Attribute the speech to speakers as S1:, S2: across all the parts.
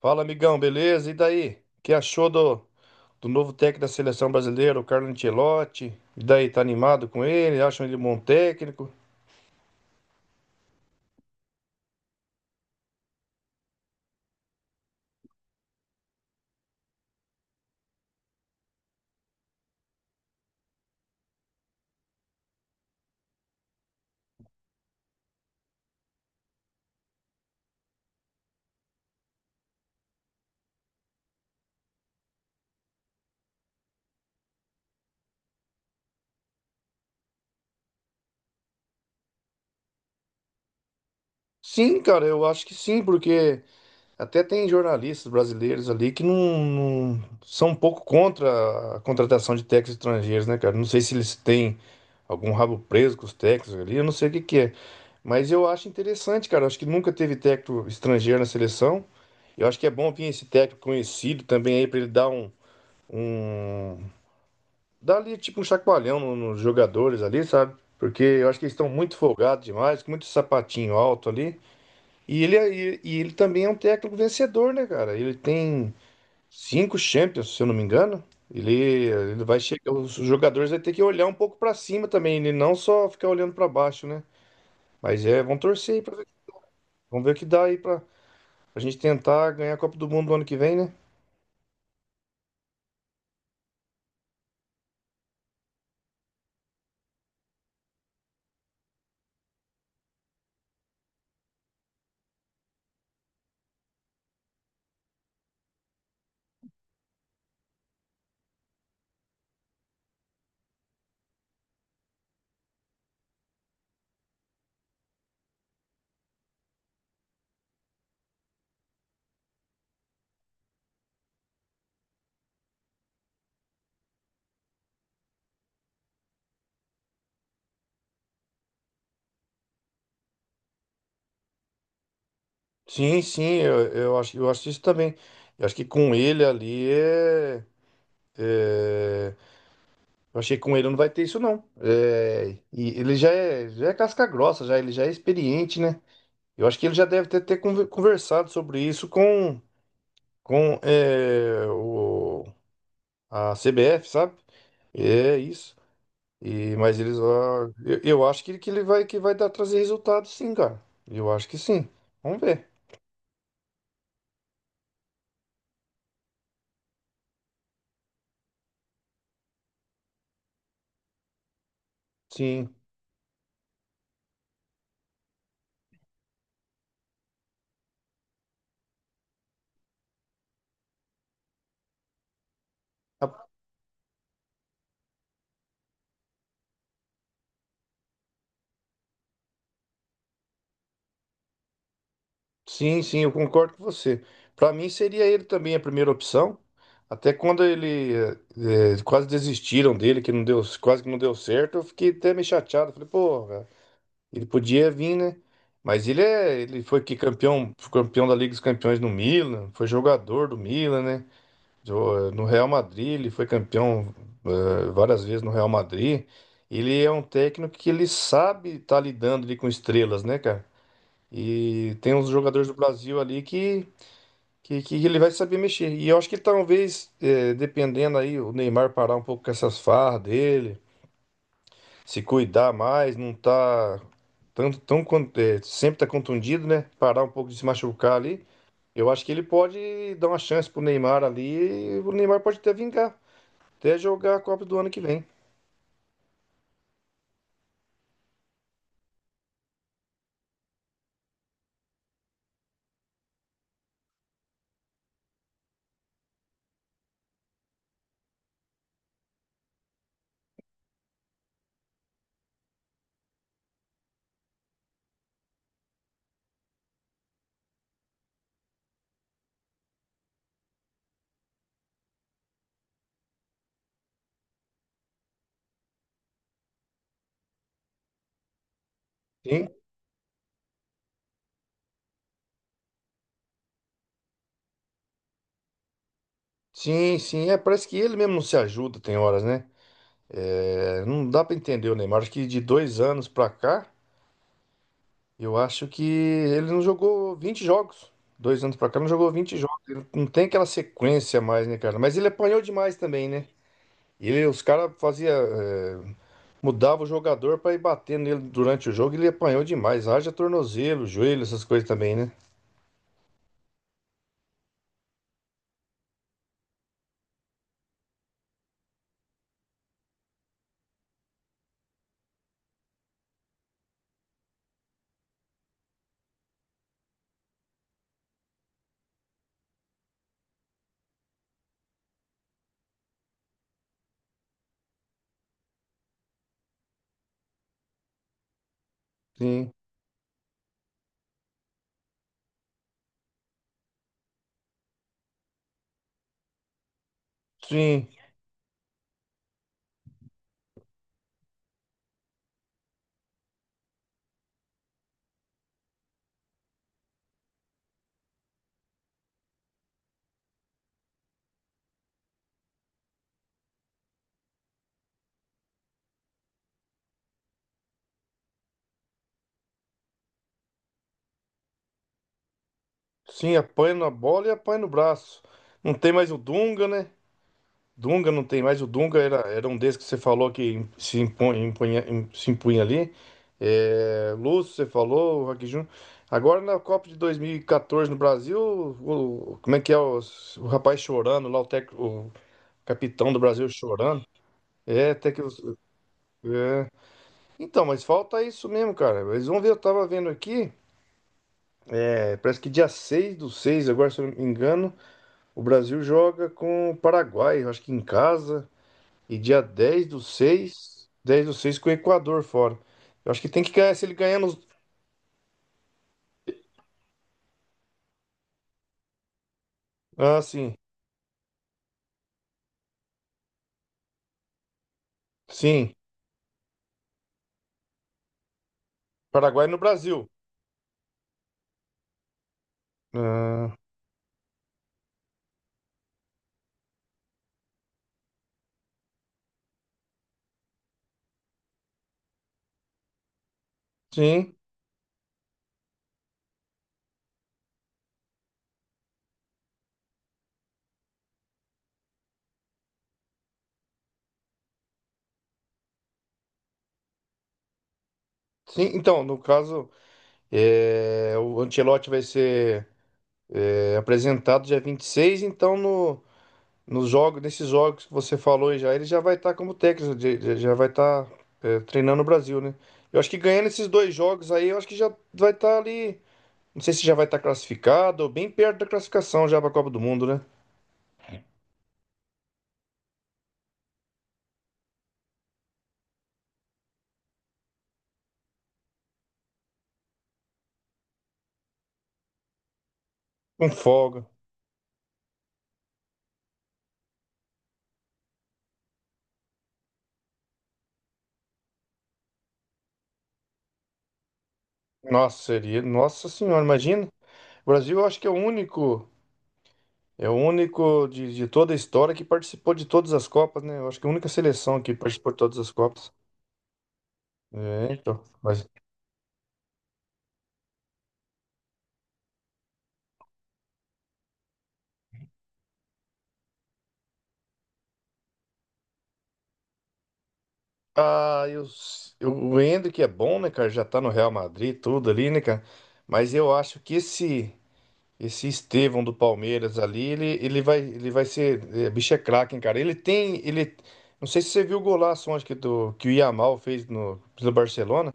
S1: Fala, amigão, beleza? E daí? O que achou do novo técnico da seleção brasileira, o Carlo Ancelotti? E daí, tá animado com ele? Acham ele um bom técnico? Sim, cara, eu acho que sim, porque até tem jornalistas brasileiros ali que não são um pouco contra a contratação de técnicos estrangeiros, né, cara? Não sei se eles têm algum rabo preso com os técnicos ali, eu não sei o que que é. Mas eu acho interessante, cara. Eu acho que nunca teve técnico estrangeiro na seleção. Eu acho que é bom vir esse técnico conhecido também aí para ele dar um. Dá ali tipo um chacoalhão nos jogadores ali, sabe? Porque eu acho que eles estão muito folgados demais, com muito sapatinho alto ali. E ele também é um técnico vencedor, né, cara? Ele tem cinco Champions, se eu não me engano. Ele, ele vai chegar, os jogadores vão ter que olhar um pouco pra cima também, ele não só ficar olhando pra baixo, né? Mas é, vamos torcer aí pra ver. Vamos ver o que dá aí pra gente tentar ganhar a Copa do Mundo no ano que vem, né? Sim, sim, eu acho isso também. Eu acho que com ele ali é. É, eu achei que com ele não vai ter isso, não. É, e ele já é casca grossa, já, ele já é experiente, né? Eu acho que ele já deve ter conversado sobre isso com a CBF, sabe? É isso. Mas eles, eu acho que ele vai que vai dar trazer resultado, sim, cara. Eu acho que sim. Vamos ver. Sim. Sim, sim, eu concordo com você. Para mim seria ele também a primeira opção. Até quando ele quase desistiram dele, que não deu, quase que não deu certo, eu fiquei até meio chateado. Falei, pô, ele podia vir, né? Mas ele foi que campeão da Liga dos Campeões no Milan, foi jogador do Milan, né? No Real Madrid, ele foi campeão várias vezes no Real Madrid. Ele é um técnico que ele sabe estar lidando ali com estrelas, né, cara? E tem uns jogadores do Brasil ali que ele vai saber mexer. E eu acho que talvez, dependendo aí, o Neymar parar um pouco com essas farras dele, se cuidar mais, não tá tanto, sempre tá contundido, né? Parar um pouco de se machucar ali. Eu acho que ele pode dar uma chance pro Neymar ali, e o Neymar pode até vingar, até jogar a Copa do ano que vem. Sim, sim, sim. É, parece que ele mesmo não se ajuda, tem horas, né? É, não dá pra entender o Neymar. Acho que de 2 anos pra cá. Eu acho que ele não jogou 20 jogos. Dois anos pra cá, não jogou 20 jogos. Ele não tem aquela sequência mais, né, cara? Mas ele apanhou demais também, né? Os caras fazia, mudava o jogador pra ir bater nele durante o jogo. Ele apanhou demais. Haja tornozelo, joelho, essas coisas também, né? Sim, sim, sim. Apanha na bola e apanha no braço. Não tem mais o Dunga, né? Dunga não tem mais. O Dunga era um desses que você falou que se se impunha ali. É, Lúcio, você falou, o Rock Júnior. Agora na Copa de 2014 no Brasil, como é que é o rapaz chorando lá, o capitão do Brasil chorando? É, até que. É. Então, mas falta isso mesmo, cara. Eles vão ver, eu tava vendo aqui, parece que dia 6/6 agora se eu não me engano, o Brasil joga com o Paraguai, eu acho que em casa. E dia dez do seis com o Equador fora. Eu acho que tem que ganhar, se ele ganhar nos. Ah, sim. Sim. Paraguai no Brasil. Ah, sim. Sim, então, no caso, o Ancelotti vai ser apresentado dia 26 então no, nos jogos, nesses jogos que você falou aí já, ele já vai estar como técnico, já vai estar treinando o Brasil, né? Eu acho que ganhando esses dois jogos aí, eu acho que já vai estar ali. Não sei se já vai estar classificado ou bem perto da classificação já para a Copa do Mundo, né? Com folga. Nossa, seria. Nossa Senhora, imagina. O Brasil, eu acho que é o único de toda a história que participou de todas as Copas, né? Eu acho que é a única seleção que participou de todas as Copas. É, então. Mas. Ah, o Hendrick é bom, né, cara? Já tá no Real Madrid, tudo ali, né, cara? Mas eu acho que esse. Esse Estevão do Palmeiras ali, ele vai ser. É, bicho é craque, hein, cara. Ele tem. Não sei se você viu o golaço que o Yamal fez no, pelo Barcelona.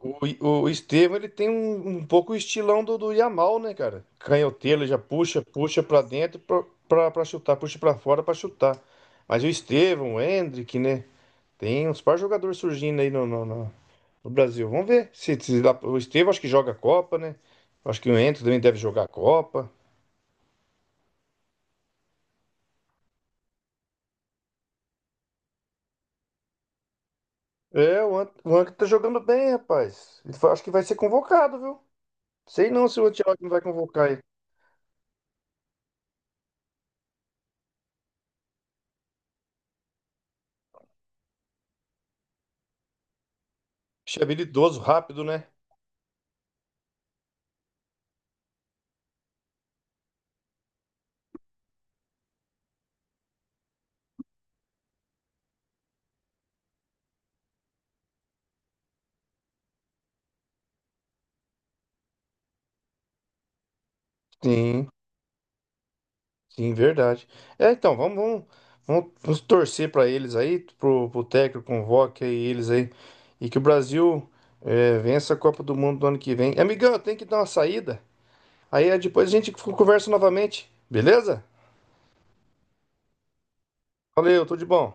S1: O Estevão, ele tem um pouco o estilão do Yamal, né, cara? Canhoteiro, ele já puxa pra dentro pra chutar, puxa pra fora pra chutar. Mas o Estevão, o Endrick, né? Tem uns par jogadores surgindo aí no Brasil. Vamos ver. Se dá- o Estevão acho que joga a Copa, né? Acho que o Endrick também deve jogar a Copa. É, o Anca tá jogando bem, rapaz. Acho que vai ser convocado, viu? Sei não se o Antioquia não vai convocar ele. Bicho é habilidoso, rápido, né? Sim, sim, verdade. É, então, vamos torcer para eles aí, pro técnico convoque aí eles aí. E que o Brasil vença a Copa do Mundo do ano que vem. Amigão, eu tenho que dar uma saída. Aí depois a gente conversa novamente, beleza? Valeu, tudo de bom.